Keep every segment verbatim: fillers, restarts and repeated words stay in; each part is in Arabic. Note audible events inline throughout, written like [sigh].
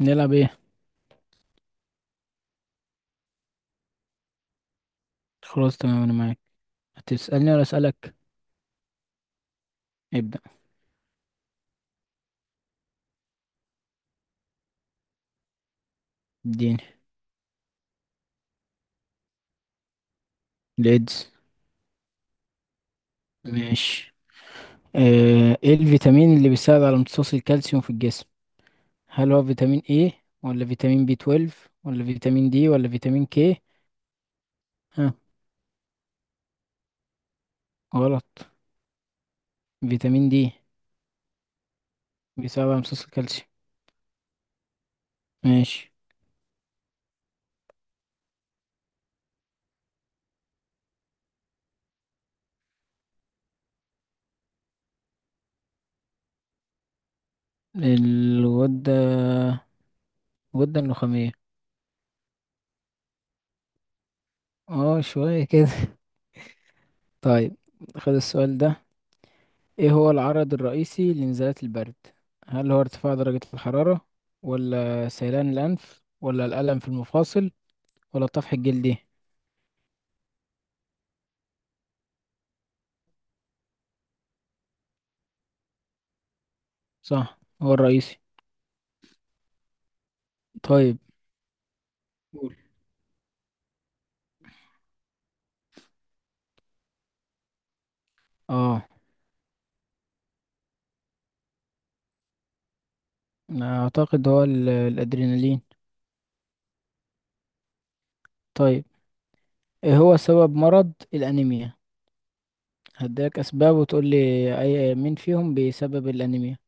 نلعب ايه؟ خلاص، تمام، انا معاك. هتسألني ولا اسألك؟ ابدأ. اديني. ليدز. ماشي. آه، ايه الفيتامين اللي بيساعد على امتصاص الكالسيوم في الجسم؟ هل هو فيتامين ايه، ولا فيتامين بي اتناشر، ولا فيتامين دي، ولا فيتامين كي؟ ها؟ غلط. فيتامين دي بيساعد على امتصاص الكالسيوم. ماشي. الغدة الغدة النخامية. اه، شوية كده. [laughs] طيب. خد السؤال ده. ايه هو العرض الرئيسي لنزلات البرد؟ هل هو ارتفاع درجة الحرارة، ولا سيلان الأنف، ولا الألم في المفاصل، ولا الطفح الجلدي؟ صح هو الرئيسي. طيب. قول. اه، أنا اعتقد هو ال- الادرينالين. طيب. ايه هو سبب مرض الانيميا؟ هديلك اسباب وتقول لي اي مين فيهم بيسبب الانيميا.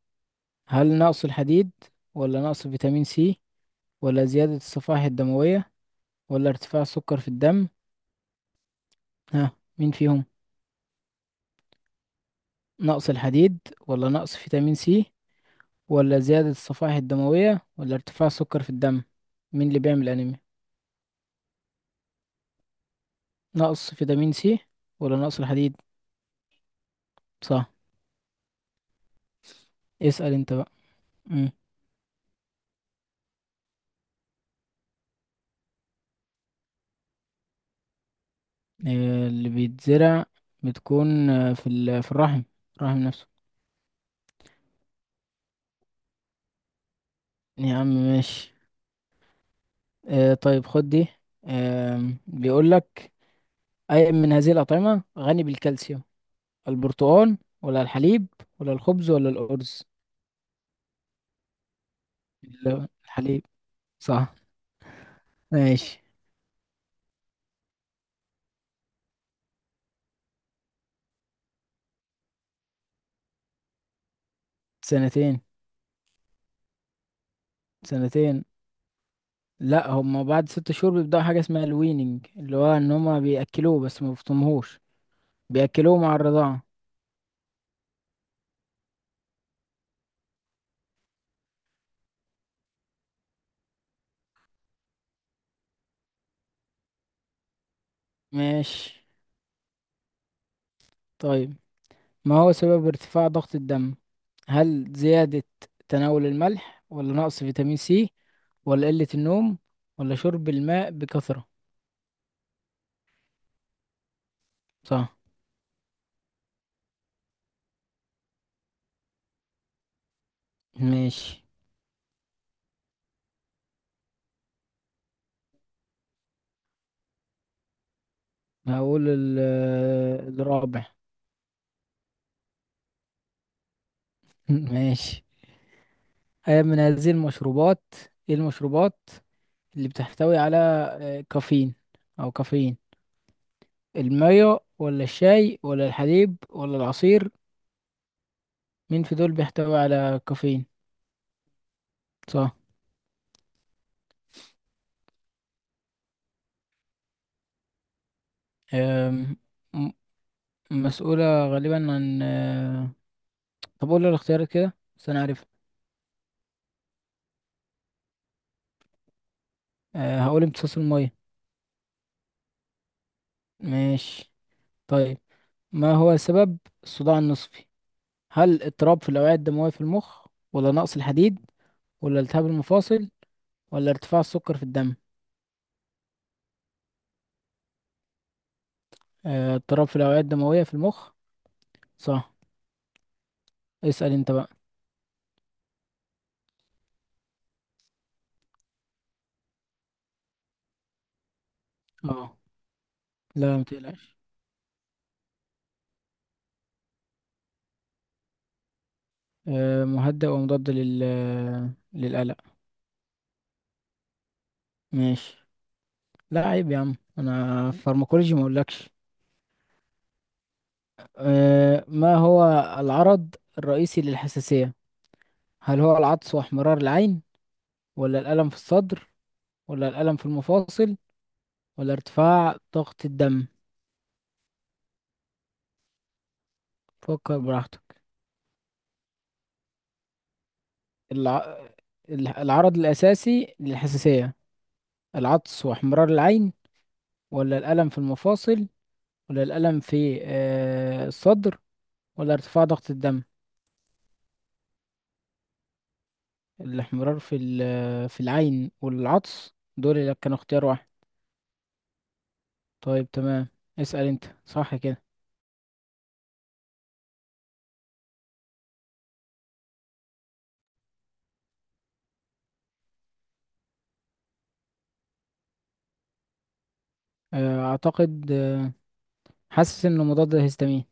هل نقص الحديد، ولا نقص فيتامين سي، ولا زيادة الصفائح الدموية، ولا ارتفاع السكر في الدم؟ ها؟ مين فيهم؟ نقص الحديد، ولا نقص فيتامين سي، ولا زيادة الصفائح الدموية، ولا ارتفاع السكر في الدم؟ مين اللي بيعمل أنيميا؟ نقص فيتامين سي، ولا نقص الحديد؟ صح. اسأل انت بقى. مم. آه، اللي بيتزرع بتكون آه، في ال- في الرحم. الرحم نفسه. يا عم ماشي. آه، طيب خد دي. آم، بيقولك أي من هذه الأطعمة غني بالكالسيوم؟ البرتقال، ولا الحليب، ولا الخبز، ولا الأرز؟ ال- الحليب. صح. ماشي. سنتين. سنتين. لا، هم بعد ست شهور بيبدأوا حاجة اسمها الويننج، اللي هو ان هما بيأكلوه بس ما بيفطموهوش. بيأكلوه مع الرضاعة. ماشي. طيب. ما هو سبب ارتفاع ضغط الدم؟ هل زيادة تناول الملح، ولا نقص فيتامين سي، ولا قلة النوم، ولا شرب الماء بكثرة؟ صح. ماشي. هقول ال- آه، الرابع. [laughs] ماشي. أي من هذه المشروبات؟ ايه المشروبات اللي بتحتوي على آه، كافيين أو كافيين؟ المية، ولا الشاي، ولا الحليب، ولا العصير؟ مين في دول بيحتوي على كافيين؟ صح. أم، م- مسؤولة غالبا عن أه، طب قول لي الاختيارات كده بس انا عارف. أه، هقول امتصاص المية. ماشي. طيب. ما هو سبب الصداع النصفي؟ هل اضطراب في الأوعية الدموية في المخ، ولا نقص الحديد، ولا التهاب المفاصل، ولا ارتفاع السكر في الدم؟ أه، اضطراب في الأوعية الدموية في المخ. صح. اسأل انت بقى. اه. لا، متقلقش. آه، مهدئ ومضاد لل للقلق ماشي. لا عيب يا عم انا فارماكولوجي ما اقولكش. آه، ما هو العرض الرئيسي للحساسية؟ هل هو العطس واحمرار العين، ولا الألم في الصدر، ولا الألم في المفاصل، ولا ارتفاع ضغط الدم؟ فكر براحتك. الع... الع- العرض الأساسي للحساسية. العطس واحمرار العين، ولا الألم في المفاصل، ولا الألم في آه، الصدر، ولا ارتفاع ضغط الدم؟ الاحمرار في ال- في العين والعطس دول اللي كانوا اختيار واحد. طيب تمام. اسأل انت صح كده. آه، اعتقد آه، حاسس انه مضاد للهستامين.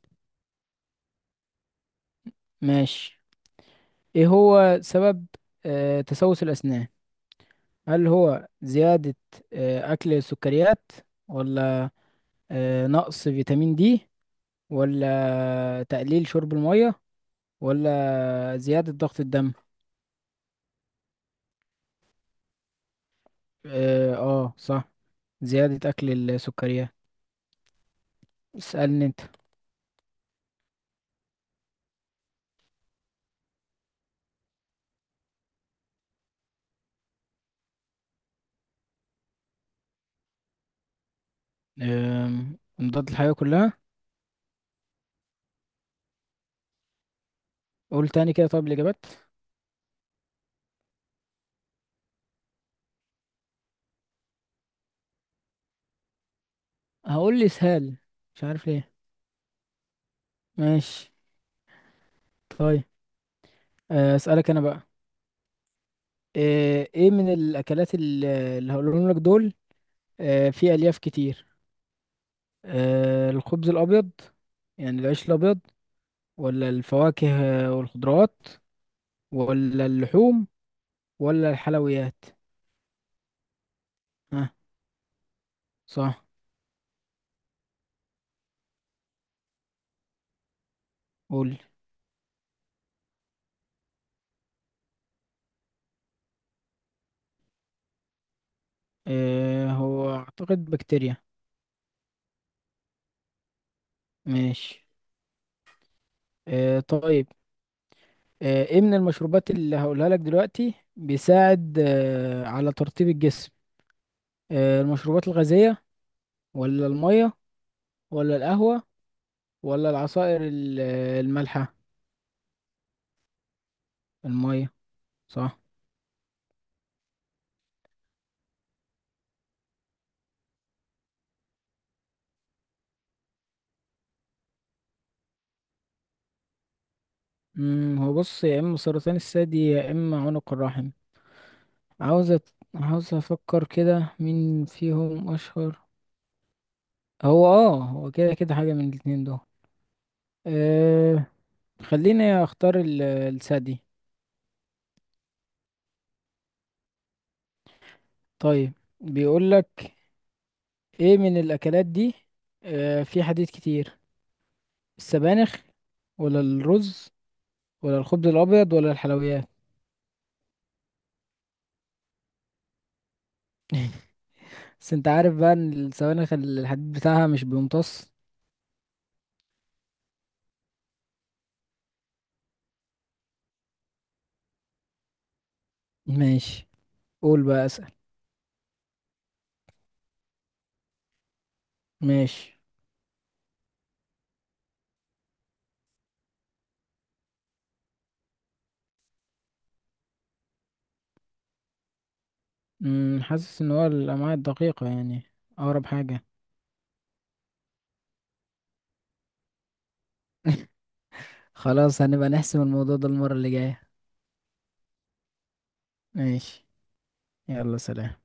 ماشي. ايه هو سبب آه، تسوس الاسنان؟ هل هو زيادة آه، اكل السكريات، ولا آه، نقص فيتامين دي، ولا تقليل شرب المية، ولا زيادة ضغط الدم؟ اه، آه، صح زيادة اكل السكريات. اسألني انت. أم، مضاد الحيوية كلها؟ قول تاني كده طيب الإجابات. هقول لي اسهال مش عارف ليه. ماشي. طيب. أه، أسألك أنا بقى. أه، إيه من الأكلات ال- اللي هقولهم لك دول؟ أه، فيه ألياف كتير. أه، الخبز الأبيض يعني العيش الأبيض، ولا الفواكه والخضروات، ولا اللحوم، ولا الحلويات؟ ها؟ صح. قول. أه، هو أعتقد بكتيريا. ماشي. أه، طيب. آه، ايه من المشروبات اللي هقولها لك دلوقتي بيساعد آه، على ترطيب الجسم؟ آه، المشروبات الغازية، ولا المية، ولا القهوة، ولا العصائر ال- آه، المالحة؟ المية. صح. مم هو بص يا اما سرطان الثدي يا اما عنق الرحم. عاوز أت- عاوز افكر كده مين فيهم اشهر. هو اه، هو كده كده حاجة من الاتنين دول. أه خليني اختار ال- الثدي. طيب. بيقول لك ايه من الاكلات دي آه في حديد كتير؟ السبانخ، ولا الرز، ولا الخبز الابيض، ولا الحلويات؟ [laughs] بس انت عارف بقى ان السبانخ الحديد بتاعها مش بيمتص. ماشي. قول بقى اسأل. ماشي. مم، حاسس ان هو الامعاء الدقيقة يعني اقرب حاجة. خلاص، هنبقى نحسم الموضوع ده المرة اللي جاية. ماشي. يلا سلام.